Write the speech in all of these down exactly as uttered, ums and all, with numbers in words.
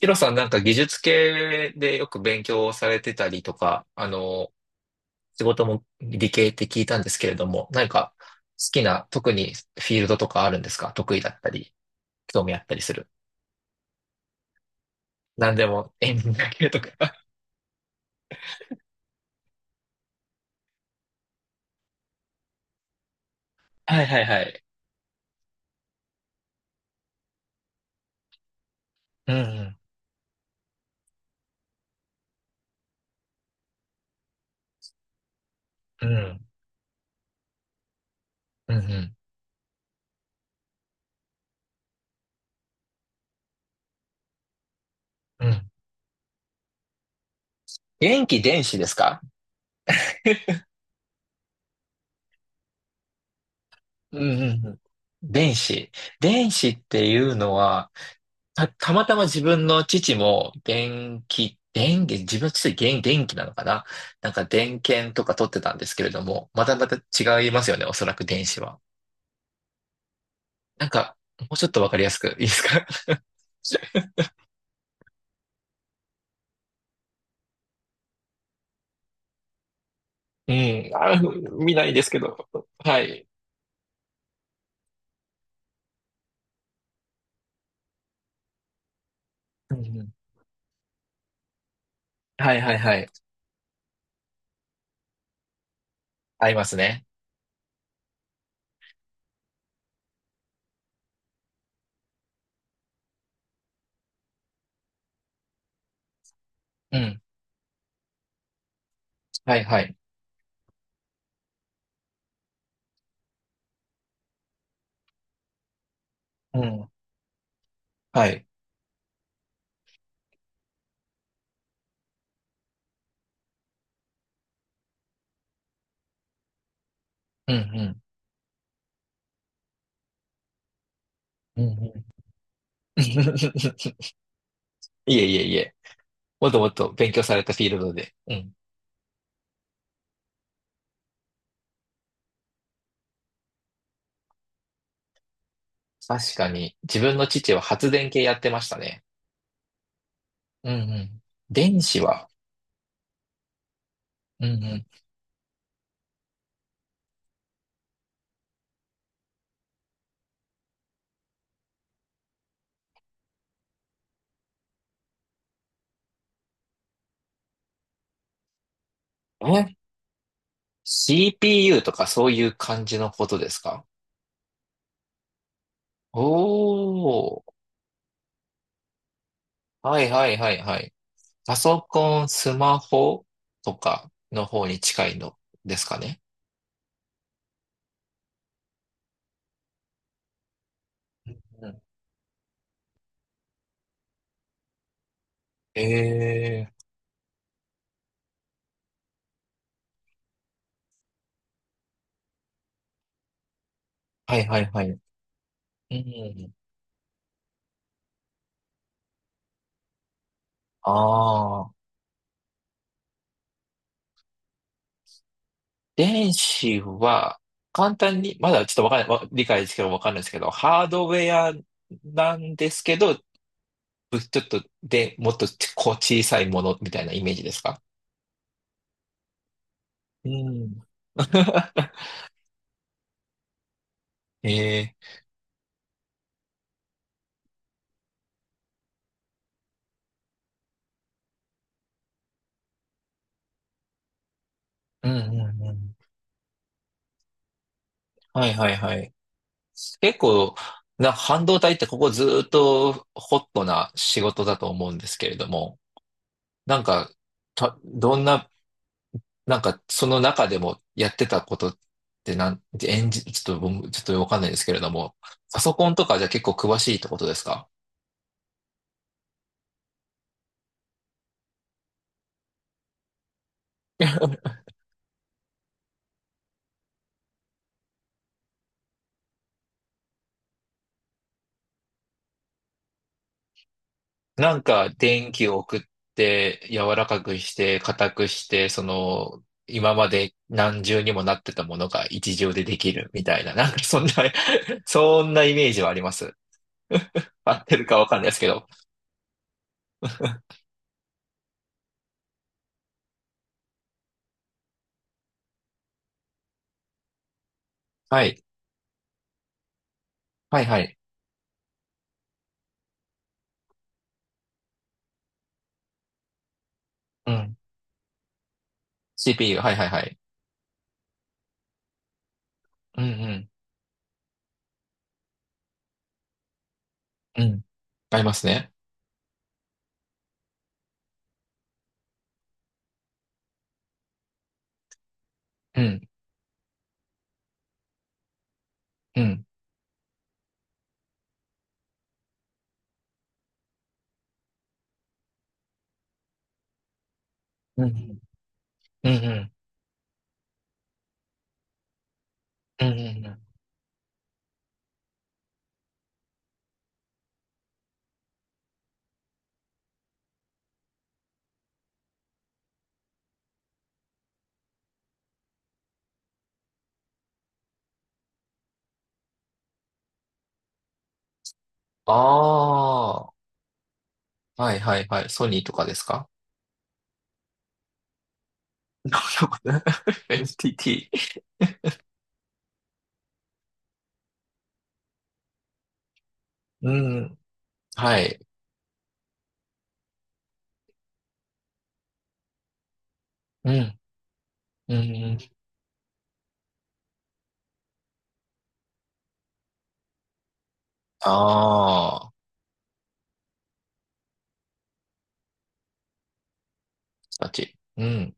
ヒロさんなんか技術系でよく勉強をされてたりとか、あの、仕事も理系って聞いたんですけれども、何か好きな、特にフィールドとかあるんですか？得意だったり、興味あったりする。何でも、演技だけとか。はいはいはい。うん、うん、うん、うん。うん、電気、電子ですか？うん、うん、うん。電子。電子っていうのは、た、たまたま自分の父も電気、電気、自分の父は電電気なのかな。なんか電源とか取ってたんですけれども、またまた違いますよね、おそらく電子は。なんか、もうちょっとわかりやすくいいですか？ うん。あ、見ないですけど。はい。うんうん。はいはいはい。合いますね。うん。はいはい。うん。はい。うんうん。うんうん。いえいえいえ。もっともっと勉強されたフィールドで。うん。確かに、自分の父は発電系やってましたね。うんうん。電子は、うんうん。え？ シーピーユー とかそういう感じのことですか？おー。はいはいはいはい。パソコン、スマホとかの方に近いのですかね。うん、えー。はいはいはい。うん。ああ。電子は、簡単に、まだちょっとわかんない、わ理解ですけどわかんないですけど、ハードウェアなんですけど、ぶちょっとで、もっとちこう小さいものみたいなイメージですか？うん。ええ、うんうんうん。はいはいはい。結構、な、半導体ってここずーっとホットな仕事だと思うんですけれども、なんか、た、どんな、なんかその中でもやってたことってなん、エンジ、ちょっと僕、ちょっとわかんないですけれども、パソコンとかじゃ結構詳しいってことですか？ なんか電気を送って柔らかくして硬くしてその今まで何重にもなってたものが一重でできるみたいななんかそんな そんなイメージはあります。合ってるかわかんないですけど。はい。はいはい。うん。シーピーユー。はいはいはい。うんうん。うん。ありますね。うん。うん。うん。うんうん。うんうんうん。ああー。はいはいはい。ソニーとかですか？ エヌティーティー エヌティーティー、うん。はい。うん、うん。ああ、たち。うん。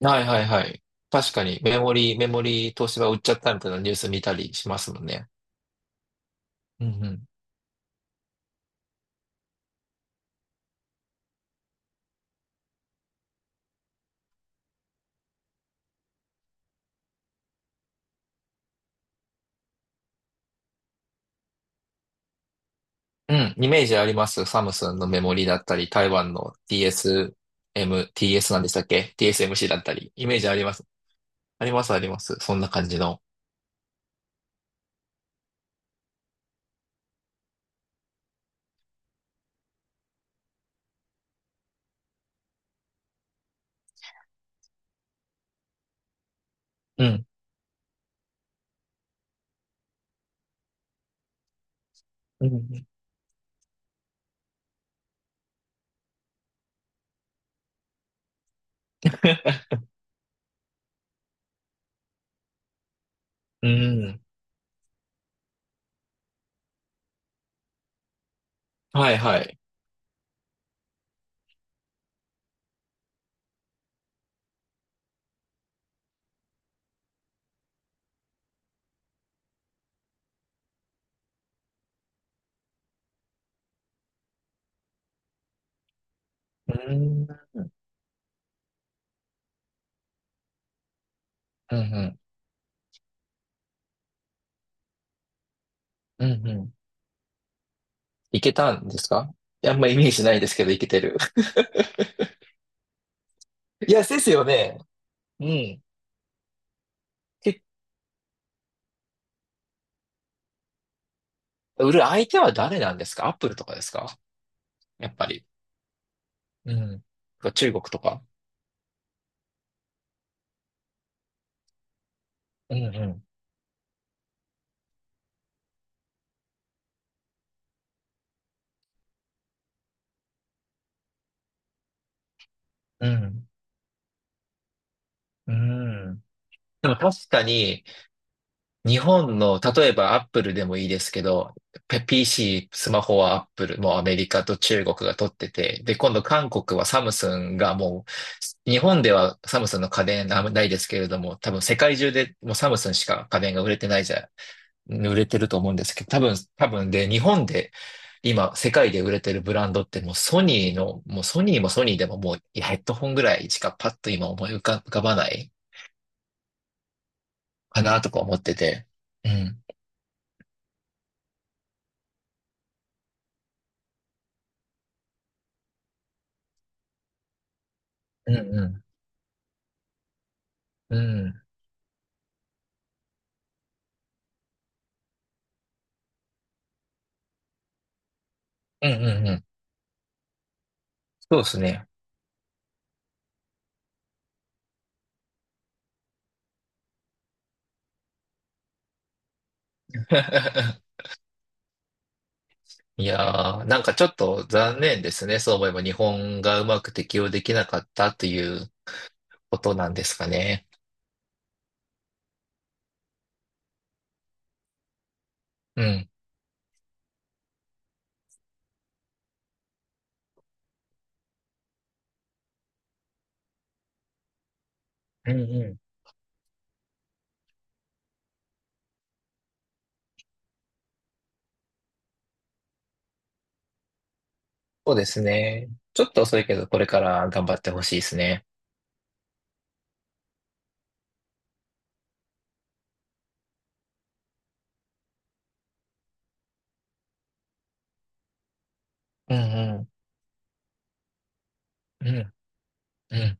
はいはいはい。確かに、メモリー、メモリー東芝売っちゃったみたいなニュース見たりしますもんね。うん、うん。うん、イメージあります。サムスンのメモリーだったり、台湾の ティーエスエム、ティーエス なんでしたっけ？ ティーエスエムシー だったり、イメージあります。あります、あります。そんな感じの。うん、うん。うん。はいはい。うん。うん。うん。うん。いけたんですか？いや、あんまイメージないですけど、いけてる。いや、ですよね。うん。で、売る相手は誰なんですか？アップルとかですか？やっぱり。うん。中国とか。うんうん。うん。うん。でも確かに、日本の、例えばアップルでもいいですけど、ペ ピーシー、スマホはアップル、もうアメリカと中国が取ってて、で、今度韓国はサムスンがもう、日本ではサムスンの家電あんまないですけれども、多分世界中でもうサムスンしか家電が売れてないじゃん、売れてると思うんですけど、多分、多分で、日本で今、世界で売れてるブランドってもうソニーの、もうソニーもソニーでももういやヘッドホンぐらいしかパッと今思い浮か、浮かばないかなとか思ってて。うん。うんうん。うん。うんうんうん。そうですね。いやー、なんかちょっと残念ですね。そう思えば日本がうまく適用できなかったということなんですかね。うん。うんうん。そうですね。ちょっと遅いけど、これから頑張ってほしいですね。うんうん。うんうん。